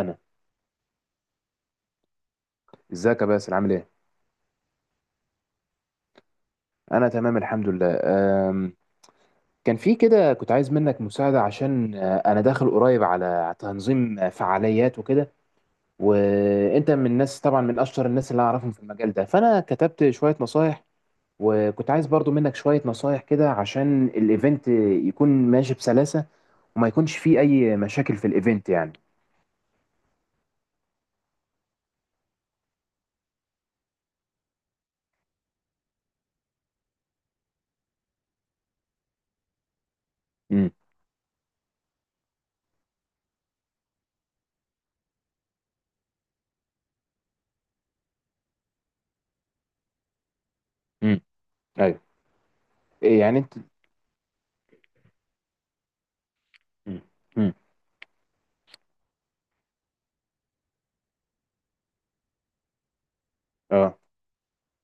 انا ازيك يا باسل، عامل ايه؟ انا تمام الحمد لله. أم، كان في كده، كنت عايز منك مساعده، عشان انا داخل قريب على تنظيم فعاليات وكده، وانت من الناس طبعا، من اشطر الناس اللي اعرفهم في المجال ده، فانا كتبت شويه نصايح. وكنت عايز برضو منك شويه نصايح كده، عشان الايفنت يكون ماشي بسلاسه، وما يكونش فيه اي مشاكل في الايفنت يعني. امم. امم. ايوه. إيه يعني انت؟ امم. امم.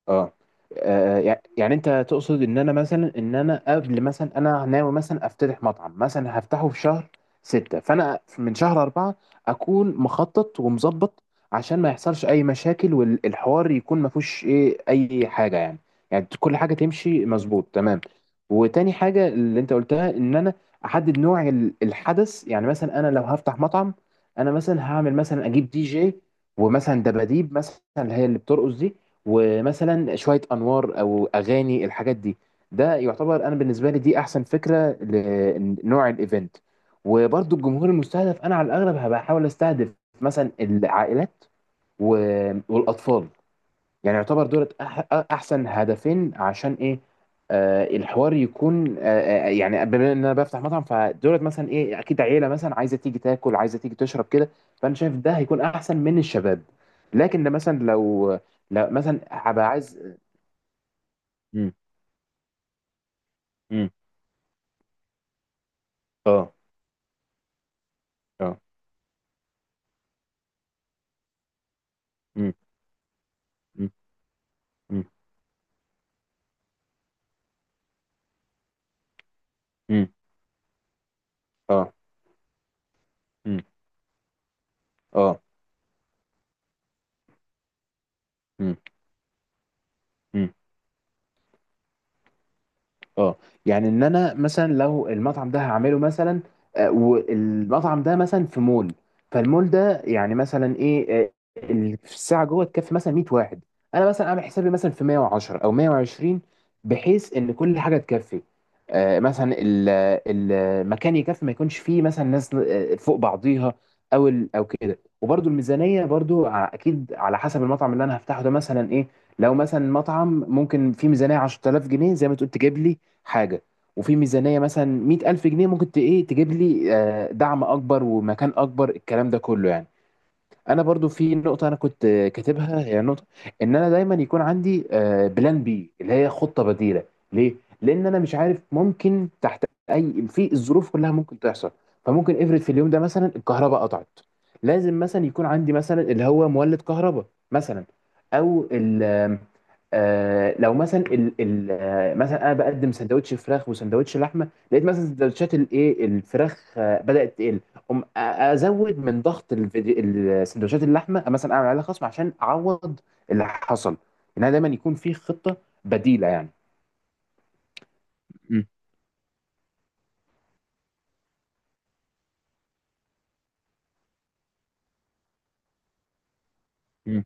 اه. يعني انت تقصد ان انا مثلا، ان انا قبل مثلا، انا ناوي مثلا افتتح مطعم، مثلا هفتحه في شهر 6، فانا من شهر 4 اكون مخطط ومظبط، عشان ما يحصلش اي مشاكل، والحوار يكون ما فيهوش اي حاجة يعني. يعني كل حاجة تمشي مظبوط تمام. وتاني حاجة اللي انت قلتها، ان انا احدد نوع الحدث. يعني مثلا انا لو هفتح مطعم، انا مثلا هعمل، مثلا اجيب دي جي، ومثلا دباديب مثلا اللي هي اللي بترقص دي، ومثلا شوية أنوار أو أغاني، الحاجات دي، ده يعتبر، أنا بالنسبة لي دي أحسن فكرة لنوع الإيفنت. وبرضو الجمهور المستهدف، أنا على الأغلب هبقى أحاول أستهدف مثلا العائلات والأطفال. يعني يعتبر دولت احسن هدفين، عشان ايه، آه الحوار يكون آه. يعني بما ان انا بفتح مطعم، فدولت مثلا اكيد عيله، مثلا عايزه تيجي تاكل، عايزه تيجي تشرب كده، فانا شايف ده هيكون احسن من الشباب. لكن ده مثلا لو مثلا هبقى عايز. مم، مم، اه. اه. مم، مم، مم، مم، اه. مم، اه. مم، مم. اه. يعني ان انا مثلا لو المطعم ده هعمله مثلا، والمطعم ده مثلا في مول، فالمول ده يعني مثلا ايه آه، في الساعه جوه تكفي مثلا 100 واحد، انا مثلا عامل حسابي مثلا في 110 او 120، بحيث ان كل حاجه تكفي، مثلا المكان يكفي، ما يكونش فيه مثلا ناس فوق بعضيها، او او كده. وبرده الميزانيه برده، اكيد على حسب المطعم اللي انا هفتحه ده مثلا ايه، لو مثلا مطعم ممكن فيه ميزانيه 10000 جنيه زي ما تقول، تجيب لي حاجة. وفي ميزانية مثلا 100000 جنيه ممكن إيه تجيب لي دعم أكبر ومكان أكبر، الكلام ده كله يعني. انا برضو في نقطه انا كنت كاتبها، هي نقطه ان انا دايما يكون عندي بلان بي، اللي هي خطه بديله. ليه؟ لان انا مش عارف، ممكن تحت اي في الظروف كلها ممكن تحصل. فممكن افرض في اليوم ده مثلا الكهرباء قطعت، لازم مثلا يكون عندي مثلا اللي هو مولد كهرباء مثلا. او ال آم، آه، لو مثلا ال ال آه، مثلا انا بقدم سندوتش فراخ وسندوتش لحمه، لقيت مثلا سندوتشات الفراخ بدات تقل، ازود من ضغط الفيديو، السندوتشات اللحمه مثلا اعمل عليها خصم عشان اعوض اللي حصل، انها دايما يكون في خطه بديله يعني. مم. مم.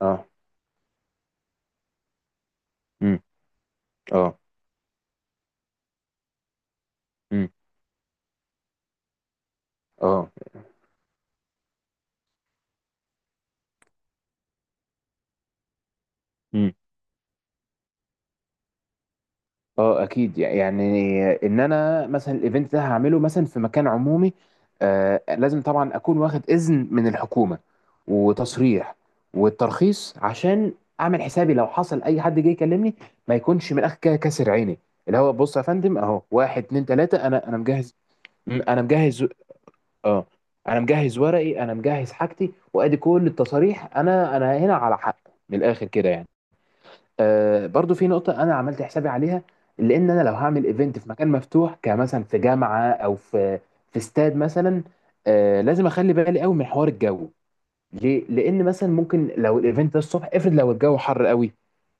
اه. امم. اه. امم. اه. اه. اكيد، يعني ان انا مثلا الايفنت ده هعمله مثلا في مكان عمومي، آه لازم طبعا اكون واخد اذن من الحكومه وتصريح والترخيص، عشان اعمل حسابي لو حصل اي حد جه يكلمني، ما يكونش من الاخر كده كاسر عيني، اللي هو بص يا فندم اهو، واحد اتنين تلاته، انا مجهز. انا مجهز. اه. انا مجهز ورقي، انا مجهز حاجتي، وادي كل التصاريح، انا هنا على حق، من الاخر كده يعني. برضو في نقطة أنا عملت حسابي عليها، لأن أنا لو هعمل إيفنت في مكان مفتوح، كمثلا في جامعة أو في استاد مثلا، لازم أخلي بالي قوي من حوار الجو. ليه؟ لأن مثلا ممكن لو الإيفنت ده الصبح، افرض لو الجو حر قوي،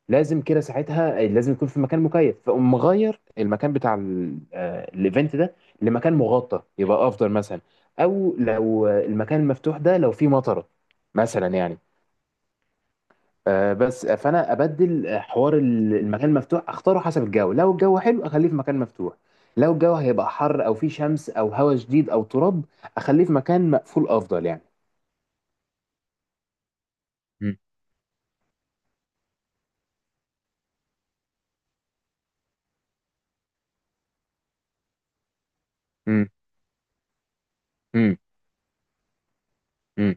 لازم كده ساعتها لازم يكون في مكان مكيف، فأقوم مغير المكان بتاع الإيفنت ده لمكان مغطى، يبقى أفضل مثلا. أو لو المكان المفتوح ده لو فيه مطرة مثلا يعني. آه، بس آه، فانا ابدل حوار المكان المفتوح، اختاره حسب الجو، لو الجو حلو اخليه في مكان مفتوح، لو الجو هيبقى حر او فيه شمس او هواء شديد او تراب، اخليه في مكان مقفول افضل يعني. مم. مم. مم. مم.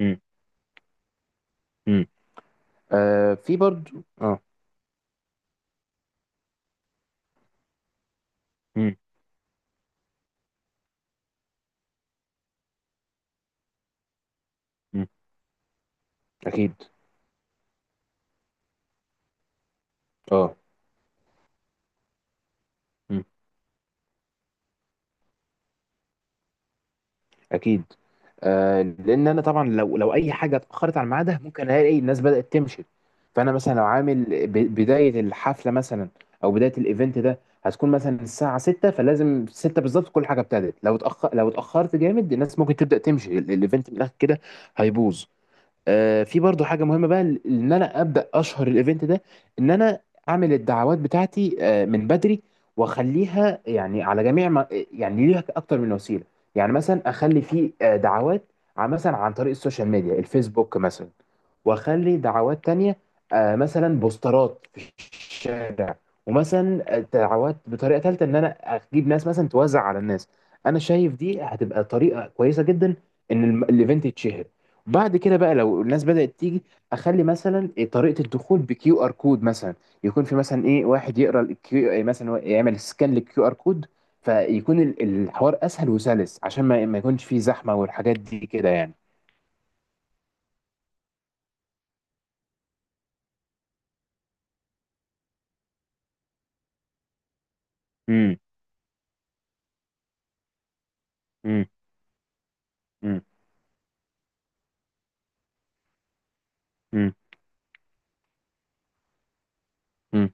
مم. مم. آه في برضو. اه. مم. مم. اكيد. اه. اكيد. آه لان انا طبعا لو اي حاجه اتاخرت عن ميعادها، ممكن الاقي الناس بدات تمشي. فانا مثلا لو عامل بدايه الحفله مثلا، او بدايه الايفنت ده، هتكون مثلا الساعه 6، فلازم 6 بالظبط كل حاجه ابتدت، لو اتاخر لو اتاخرت جامد الناس ممكن تبدا تمشي، الايفنت من الاخر كده هيبوظ. في برضو حاجه مهمه بقى، ان انا ابدا اشهر الايفنت ده، ان انا اعمل الدعوات بتاعتي من بدري، واخليها يعني على جميع ما، يعني ليها اكتر من وسيله. يعني مثلا اخلي في دعوات مثلا عن طريق السوشيال ميديا، الفيسبوك مثلا، واخلي دعوات تانية مثلا بوسترات في الشارع، ومثلا دعوات بطريقه ثالثه، ان انا اجيب ناس مثلا توزع على الناس. انا شايف دي هتبقى طريقه كويسه جدا، ان الايفنت يتشهر. بعد كده بقى لو الناس بدأت تيجي، اخلي مثلا إيه طريقة الدخول بكيو ار كود مثلا، يكون في مثلا ايه واحد يقرا الكيو إيه مثلا، هو يعمل سكان للكيو ار كود، فيكون الحوار اسهل وسلس، عشان ما يكونش فيه زحمة، والحاجات دي كده يعني. امم. امم. امم. امم. أمم.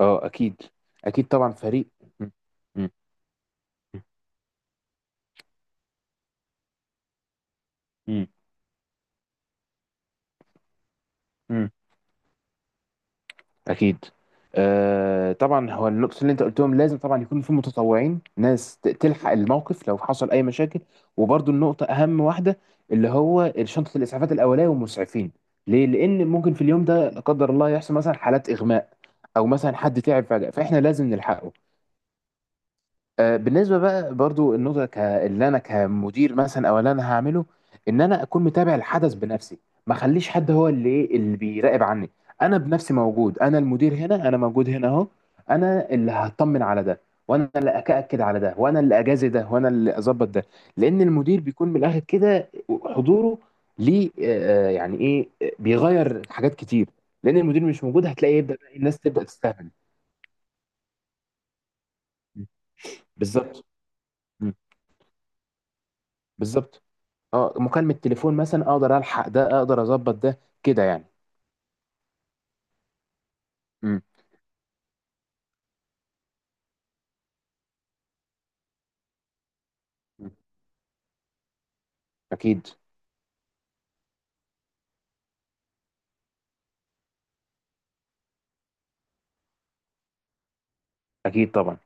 اه. اكيد. اكيد طبعا فريق. امم. امم. امم. اكيد. آه طبعا هو النقطه اللي انت قلتهم، لازم طبعا يكون في متطوعين، ناس تلحق الموقف لو حصل اي مشاكل. وبرضو النقطه اهم واحده، اللي هو شنطه الاسعافات الاوليه والمسعفين. ليه؟ لان ممكن في اليوم ده لا قدر الله يحصل مثلا حالات اغماء، او مثلا حد تعب فجاه، فاحنا لازم نلحقه. بالنسبه بقى برضو النقطه اللي انا كمدير مثلا، او اللي انا هعمله، ان انا اكون متابع الحدث بنفسي، ما اخليش حد هو اللي اللي بيراقب عني. انا بنفسي موجود، انا المدير هنا، انا موجود هنا اهو، انا اللي هطمن على ده، وانا اللي اكأكد على ده، وانا اللي اجازي ده، وانا اللي اظبط ده. لان المدير بيكون من الاخر كده حضوره، ليه؟ آه، آه، يعني ايه آه، بيغير حاجات كتير. لان المدير مش موجود، هتلاقي يبدأ بقى الناس تبدأ تستهبل. بالظبط. مم. بالظبط. اه مكالمة تليفون مثلا، اقدر الحق ده، اقدر اظبط ده كده يعني. امم. اكيد. اكيد طبعا.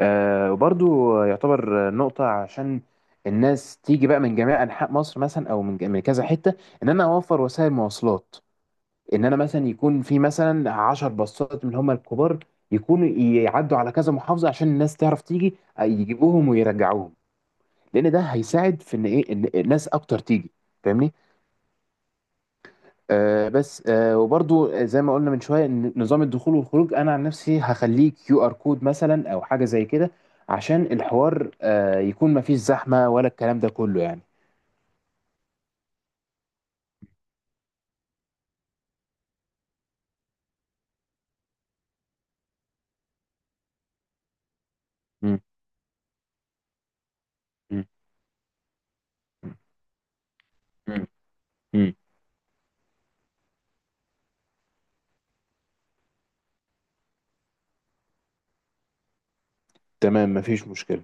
آه وبرضو يعتبر نقطة، عشان الناس تيجي بقى من جميع انحاء مصر مثلا، او من من كذا حتة، ان انا اوفر وسائل مواصلات. ان انا مثلا يكون في مثلا 10 باصات من هم الكبار، يكونوا يعدوا على كذا محافظة، عشان الناس تعرف تيجي، يجيبوهم ويرجعوهم، لان ده هيساعد في ان ان الناس اكتر تيجي. فاهمني؟ آه بس آه وبرضو زي ما قلنا من شويه، إن نظام الدخول والخروج انا عن نفسي هخليه كيو ار كود مثلا، او حاجه زي كده، عشان الحوار يكون مفيش زحمه، ولا الكلام ده كله يعني. مم. مم. مم. مم. تمام، مفيش مشكله.